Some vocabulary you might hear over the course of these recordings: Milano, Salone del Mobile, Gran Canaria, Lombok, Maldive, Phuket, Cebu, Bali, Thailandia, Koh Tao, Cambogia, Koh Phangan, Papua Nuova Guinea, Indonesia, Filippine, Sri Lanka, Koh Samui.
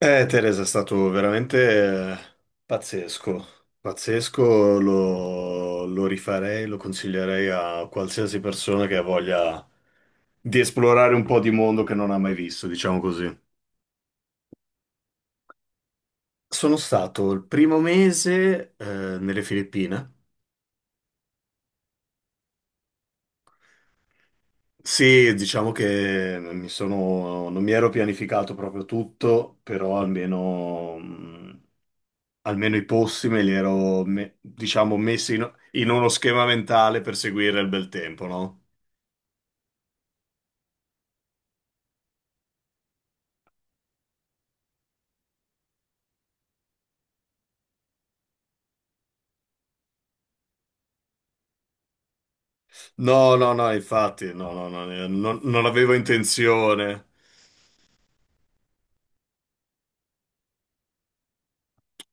Teresa, è stato veramente pazzesco, pazzesco. Lo rifarei, lo consiglierei a qualsiasi persona che ha voglia di esplorare un po' di mondo che non ha mai visto, diciamo così. Sono stato il primo mese nelle Filippine. Sì, diciamo che non mi ero pianificato proprio tutto, però almeno i posti me li ero, diciamo, messi in uno schema mentale per seguire il bel tempo, no? No, no, no, infatti, no, no, no, non avevo intenzione.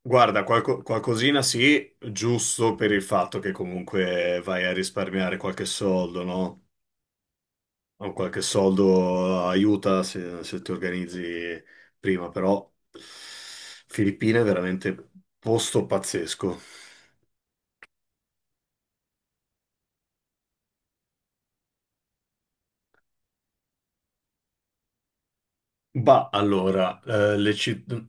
Guarda, qualcosina sì, giusto per il fatto che comunque vai a risparmiare qualche soldo, no? O qualche soldo aiuta se ti organizzi prima, però Filippine è veramente posto pazzesco. Bah, allora, le città.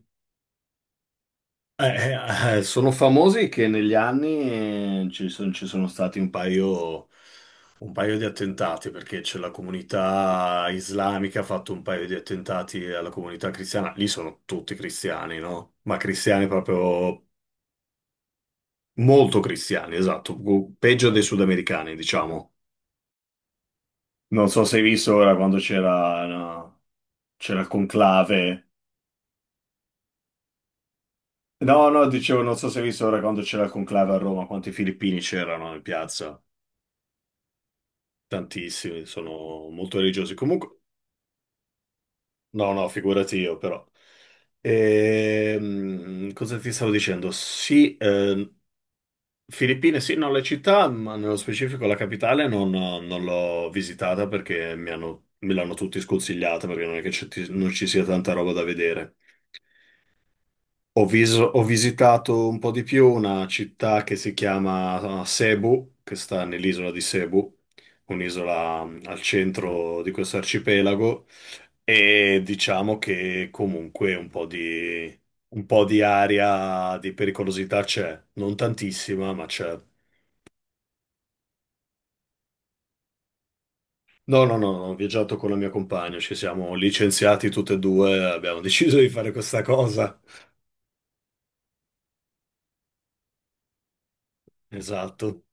Sono famosi che negli anni ci sono stati un paio di attentati, perché c'è la comunità islamica ha fatto un paio di attentati alla comunità cristiana. Lì sono tutti cristiani, no? Ma cristiani proprio molto cristiani, esatto, peggio dei sudamericani, diciamo. Non so se hai visto ora quando c'era, no, c'era il conclave. No, no, dicevo, non so se hai visto ora quando c'era il conclave a Roma, quanti filippini c'erano in piazza. Tantissimi, sono molto religiosi. Comunque, no, no, figurati io, però. Cosa ti stavo dicendo? Sì, Filippine, sì, no, la città, ma nello specifico la capitale non l'ho visitata perché me l'hanno tutti sconsigliata perché non è che non ci sia tanta roba da vedere. Ho visitato un po' di più una città che si chiama Cebu, che sta nell'isola di Cebu, un'isola al centro di questo arcipelago, e diciamo che comunque un po' di aria di pericolosità c'è, non tantissima, ma c'è. No, no, no, no, ho viaggiato con la mia compagna, ci siamo licenziati tutte e due, abbiamo deciso di fare questa cosa. Esatto.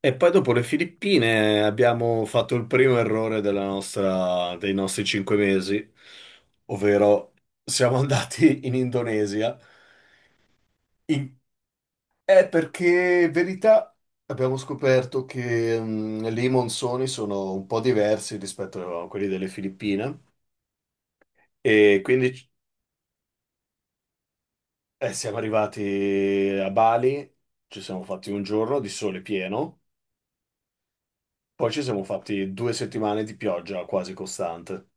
E poi dopo le Filippine abbiamo fatto il primo errore dei nostri 5 mesi, ovvero siamo andati in Indonesia. In- È perché, in verità, abbiamo scoperto che lì i monsoni sono un po' diversi rispetto a quelli delle Filippine, e quindi siamo arrivati a Bali, ci siamo fatti un giorno di sole pieno, poi ci siamo fatti 2 settimane di pioggia quasi costante.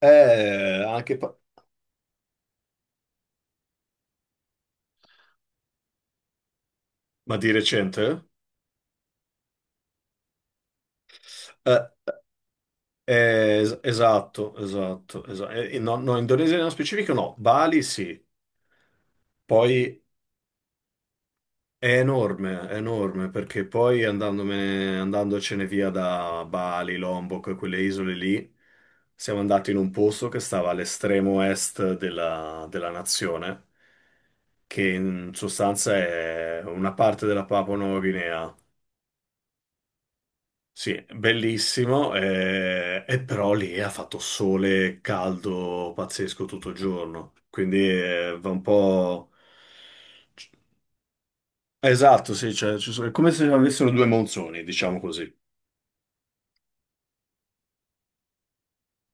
Eh, anche... pa- Ma di recente? Eh, esatto, esatto, esatto. No, no, Indonesia nello specifico no, Bali sì, poi è enorme, perché poi andandomene, andandocene via da Bali, Lombok, e quelle isole lì, siamo andati in un posto che stava all'estremo est della nazione, che in sostanza è una parte della Papua Nuova Guinea. Sì, bellissimo, e però lì ha fatto sole caldo pazzesco tutto il giorno, quindi. Esatto, sì, cioè, è come se avessero due monzoni, diciamo così.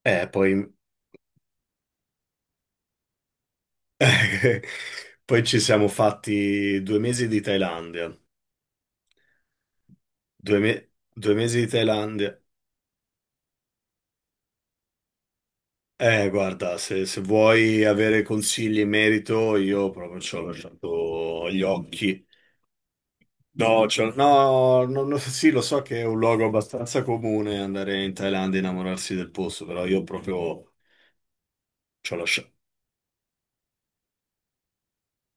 Eh, poi... Poi ci siamo fatti 2 mesi di Thailandia, due mesi di Thailandia. Guarda, se vuoi avere consigli in merito, io proprio ci ho lasciato gli occhi. No, cioè, no, no, no, sì, lo so che è un luogo abbastanza comune andare in Thailandia e innamorarsi del posto, però io proprio ci ho lascia-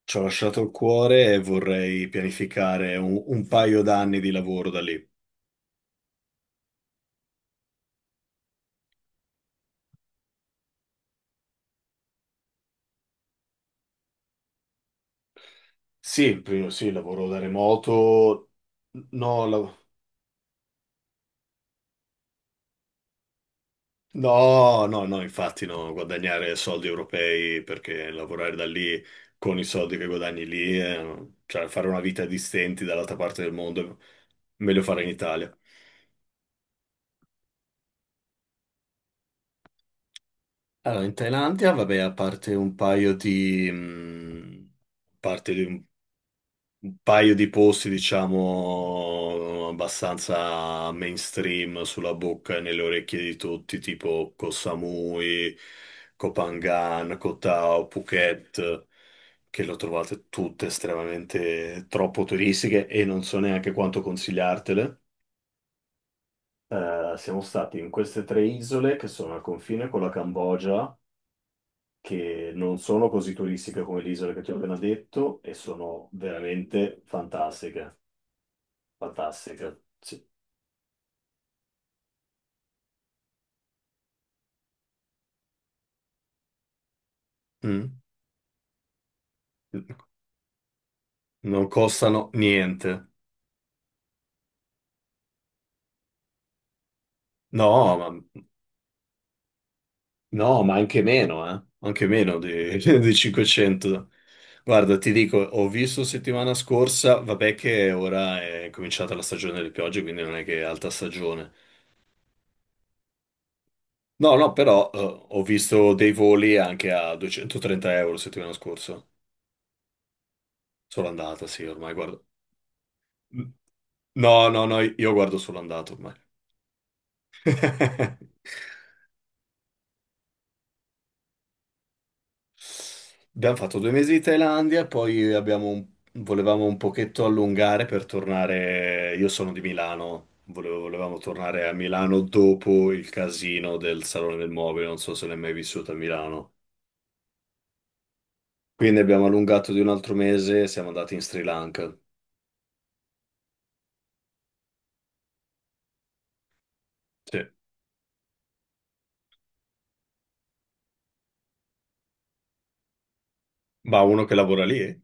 ci ho lasciato il cuore e vorrei pianificare un paio d'anni di lavoro da lì. Sì, sì, lavoro da remoto, no, no, no, no, infatti no, guadagnare soldi europei perché lavorare da lì con i soldi che guadagni lì, cioè fare una vita di stenti dall'altra parte del mondo, meglio fare in Italia. Allora, in Thailandia, vabbè, a parte di un paio di posti, diciamo, abbastanza mainstream sulla bocca e nelle orecchie di tutti, tipo Koh Samui, Koh Phangan, Koh Tao, Phuket, che lo trovate tutte estremamente troppo turistiche e non so neanche quanto consigliartele. Siamo stati in queste tre isole che sono al confine con la Cambogia, che non sono così turistiche come l'isola che ti ho appena detto, e sono veramente fantastiche, fantastiche. Sì. Mm. Non costano niente. No, ma, no, ma anche meno, eh? Anche meno di, di 500. Guarda, ti dico, ho visto settimana scorsa, vabbè che ora è cominciata la stagione delle piogge, quindi non è che è alta stagione. No, no, però ho visto dei voli anche a 230 euro settimana scorsa. Sono andata, sì, ormai guarda. No, no, no, io guardo solo andato ormai. Abbiamo fatto due mesi di Thailandia, poi volevamo un pochetto allungare per tornare. Io sono di Milano, volevamo tornare a Milano dopo il casino del Salone del Mobile. Non so se l'hai mai vissuto a Milano. Quindi abbiamo allungato di un altro mese e siamo andati in Sri Lanka. Sì. Ma uno che lavora lì?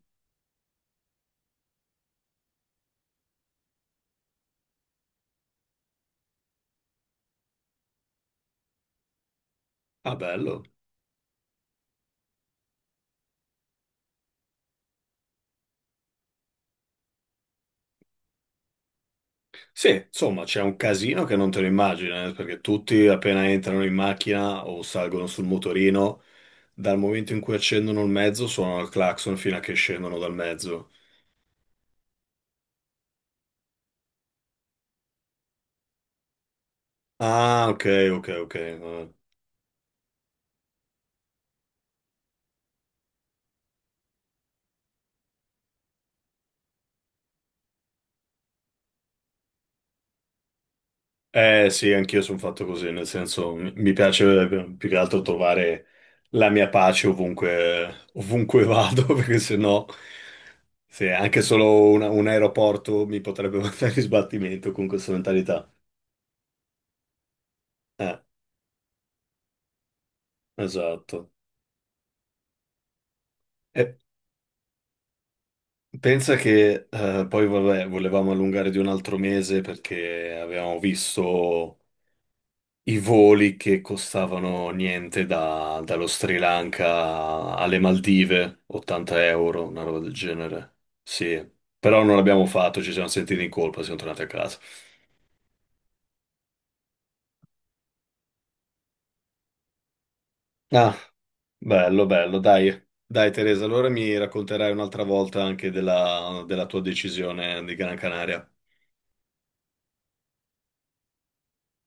Ah, bello. Sì, insomma, c'è un casino che non te lo immagini, perché tutti appena entrano in macchina o salgono sul motorino, dal momento in cui accendono il mezzo, suonano il clacson fino a che scendono dal mezzo. Ah, ok, ok, ok. Sì, anch'io sono fatto così, nel senso, mi piace più che altro trovare la mia pace ovunque, ovunque vado, perché sennò, se anche solo un aeroporto mi potrebbe mandare in sbattimento con questa mentalità. Eh, esatto. Pensa che poi vabbè, volevamo allungare di un altro mese perché avevamo visto i voli che costavano niente dallo Sri Lanka alle Maldive, 80 euro, una roba del genere. Sì, però non l'abbiamo fatto, ci siamo sentiti in colpa, siamo tornati a casa. Ah, bello, bello, dai. Dai, Teresa, allora mi racconterai un'altra volta anche della tua decisione di Gran Canaria.